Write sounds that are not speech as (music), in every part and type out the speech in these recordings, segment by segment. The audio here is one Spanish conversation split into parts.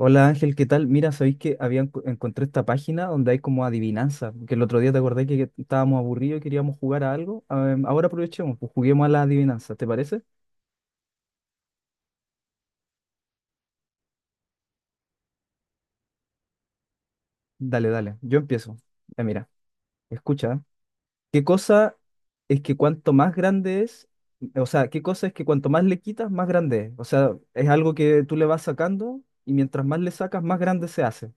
Hola Ángel, ¿qué tal? Mira, sabéis que encontré esta página donde hay como adivinanza, que el otro día te acordé que estábamos aburridos y queríamos jugar a algo. Ahora aprovechemos, pues juguemos a la adivinanza, ¿te parece? Dale, dale, yo empiezo. Ya mira, escucha, ¿eh? ¿Qué cosa es que cuanto más grande es, o sea, qué cosa es que cuanto más le quitas, más grande es? O sea, es algo que tú le vas sacando y mientras más le sacas, más grande se hace.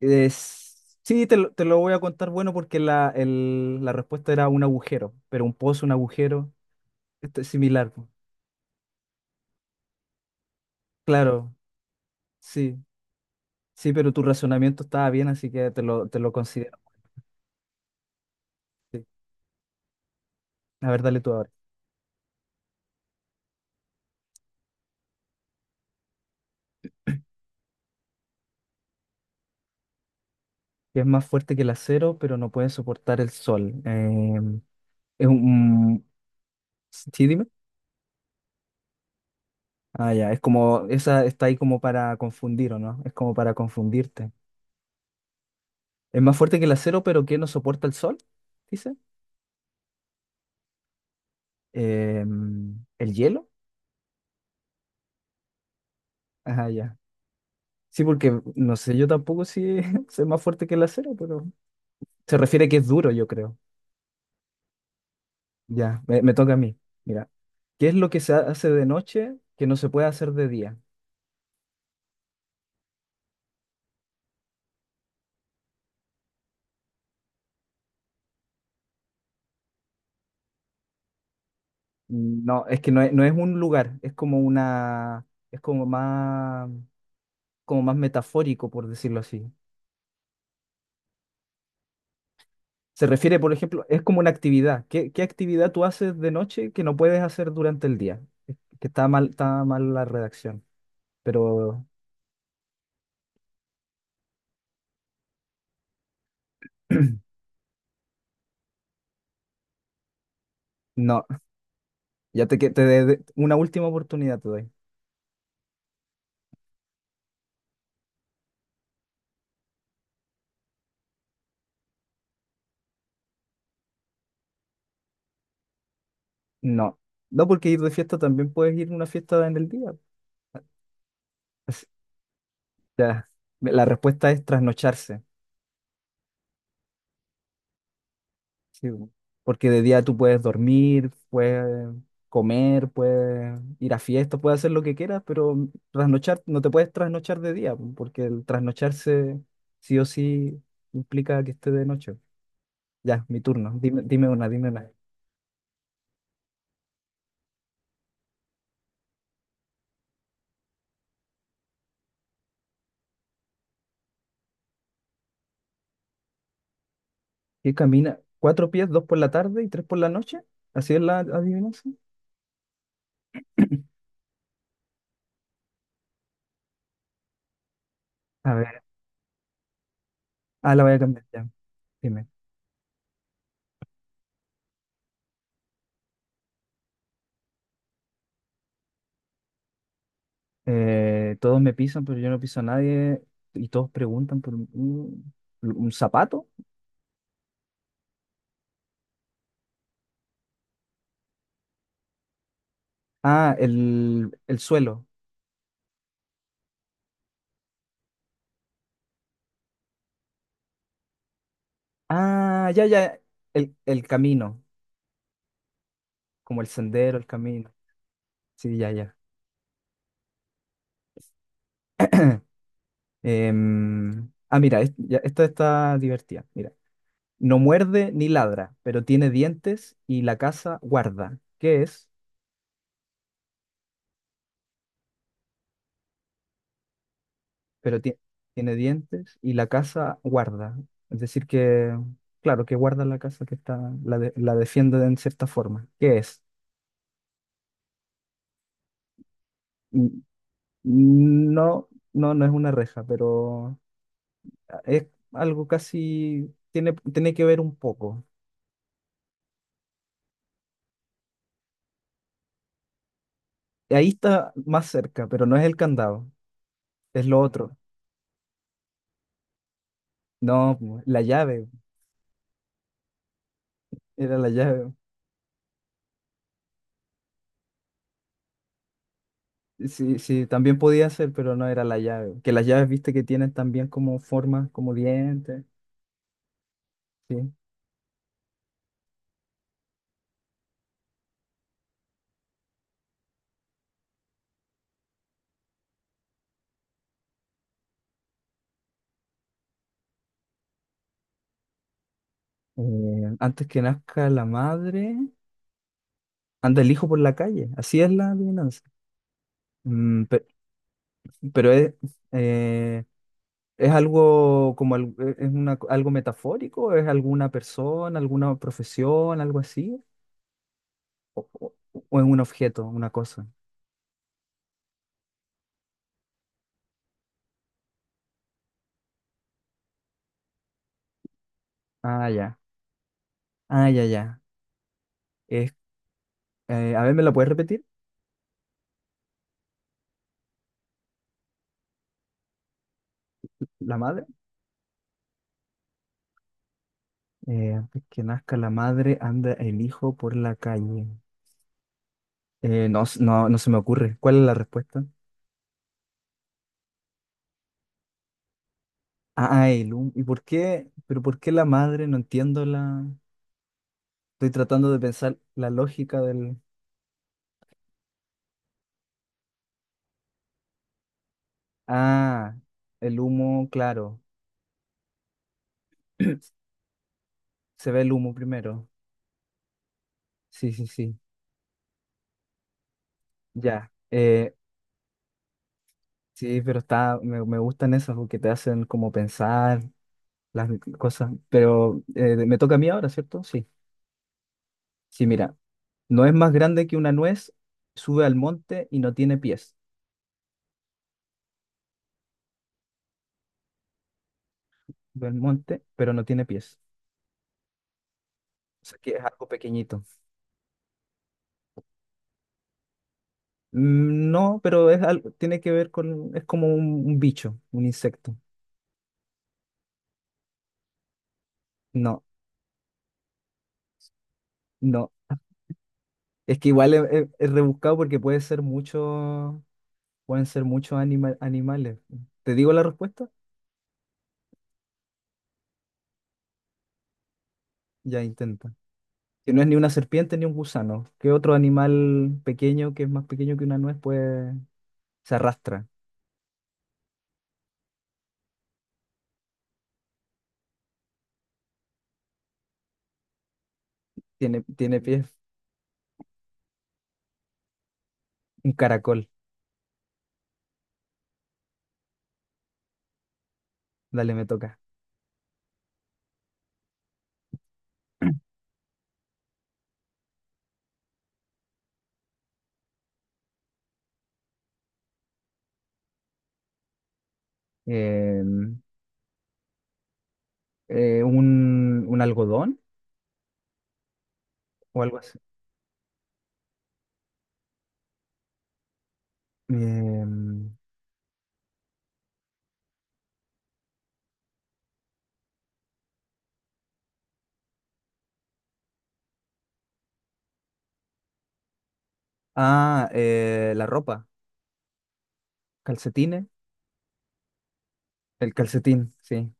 Sí, te lo voy a contar bueno porque la respuesta era un agujero, pero un pozo, un agujero, esto es similar. Po. Claro, sí, sí, pero tu razonamiento estaba bien, así que te lo considero. Sí. A ver, dale tú ahora. Es más fuerte que el acero, pero no puede soportar el sol. Es un... Sí, dime. Ah, ya, es como, esa está ahí como para confundir, ¿o no? Es como para confundirte. Es más fuerte que el acero, pero que no soporta el sol, dice. El hielo. Ajá, ya. Sí, porque no sé, yo tampoco si soy (laughs) más fuerte que el acero, pero se refiere que es duro, yo creo. Ya, me toca a mí. Mira, ¿qué es lo que se hace de noche que no se puede hacer de día? No, es que no es un lugar, es como una, es como más metafórico, por decirlo así. Se refiere, por ejemplo, es como una actividad. Qué actividad tú haces de noche que no puedes hacer durante el día? Es que está mal la redacción, pero (clears throat) no. Ya te, que- te de- Una última oportunidad te doy. No. No, porque ir de fiesta también puedes ir a una fiesta en el día. Así- Ya. La respuesta es trasnocharse. Sí, bu. Porque de día tú puedes dormir, puedes comer, puedes ir a fiestas, puedes hacer lo que quieras, pero trasnochar, no te puedes trasnochar de día, bu, porque el trasnocharse sí o sí implica que esté de noche. Ya, mi turno. Dime, dime una. ¿Qué camina? ¿Cuatro pies, dos por la tarde y tres por la noche? ¿Así es la adivinanza? A ver, ah, la voy a cambiar ya. Dime. Todos me pisan, pero yo no piso a nadie. Y todos preguntan por un zapato. Ah, el suelo. Ah, ya, ya. El camino. Como el sendero, el camino. Sí, ya, ya. Mira, esta está divertida. Mira. No muerde ni ladra, pero tiene dientes y la casa guarda. ¿Qué es? pero tie- Tiene dientes y la casa guarda. Es decir, que, claro, que guarda la casa que está, la defiende en cierta forma. ¿Qué es? N- No, no, no es una reja, pero ah, es algo casi, tiene que ver un poco. Ahí está más cerca, pero no es el candado, es lo otro. No, pues, la llave, era la llave. Sí, sí, también podía ser, pero no era la llave. Que las llaves, viste, que tienen también como formas, como dientes. Sí. Antes que nazca la madre, anda el hijo por la calle. Así es la adivinanza. Mm, pe- pero eh, es algo como es una, algo metafórico, es alguna persona, alguna profesión, algo así, o, o- o es un objeto, una cosa. Ah, ya. Ah, ya, ya. Es, a ver, ¿me la puedes repetir? La madre. Antes que nazca la madre, anda el hijo por la calle. No, no, no se me ocurre. ¿Cuál es la respuesta? Ah, ¿y por qué? ¿Pero por qué la madre? No entiendo la... Estoy tratando de pensar la lógica del... Ah, el humo, claro. (clears throat) Se ve el humo primero. Sí, sí, sí. Ya. Sí, pero está... Me gustan esas porque te hacen como pensar las cosas. Pero me toca a mí ahora, ¿cierto? Sí. Sí, mira. No es más grande que una nuez, sube al monte y no tiene pies. Sube al monte, pero no tiene pies. O sea que es algo pequeñito. Mm, no, pero es algo, tiene que ver con, es como un bicho, un insecto. No, no. Es que igual es, es rebuscado porque puede ser mucho, pueden ser muchos animales. ¿Te digo la respuesta? Ya intenta. Que no es ni una serpiente ni un gusano. ¿Qué otro animal pequeño que es más pequeño que una nuez puede, se arrastra? Tiene pies, un caracol. Dale, me toca. (clears throat) Em, un algodón o algo así. Em, ah, la ropa, calcetines, el calcetín, sí.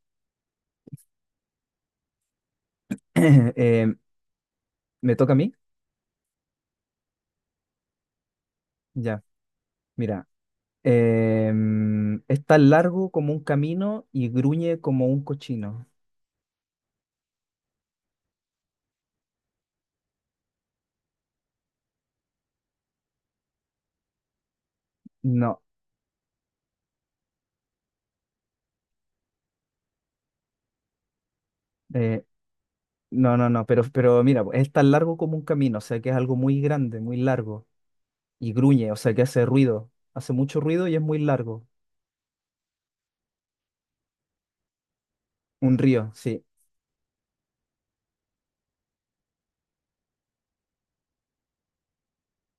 (clears throat) Eh, ¿me toca a mí? Ya, mira. Em, es tan largo como un camino y gruñe como un cochino. No, eh, no, no, no, pero mira, es tan largo como un camino, o sea que es algo muy grande, muy largo, y gruñe, o sea que hace ruido, hace mucho ruido y es muy largo. Un río, sí,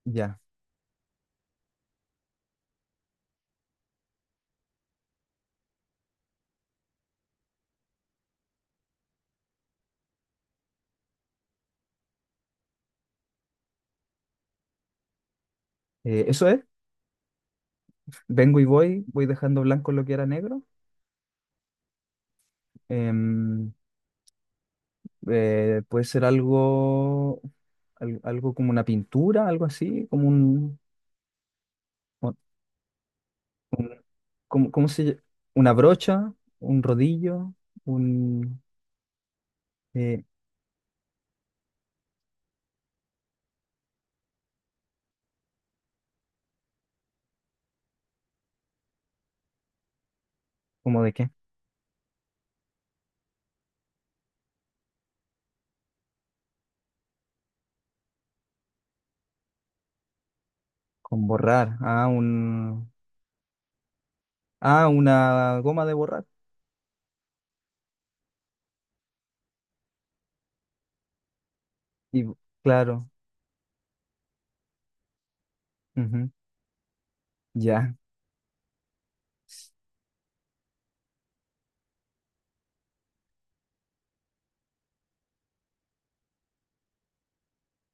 ya. Eso es, vengo y voy, voy dejando blanco lo que era negro. Em, eh, puede ser algo, algo como una pintura, algo así, como un, un- un- como- ¿cómo se ll- una brocha, un rodillo, un, eh, ¿cómo de qué? Con borrar, ah, un, ah, una goma de borrar. Y claro, ujú, ya,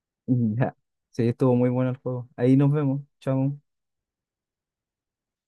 (laughs) ya. Sí, estuvo muy bueno el juego. Ahí nos vemos, chao.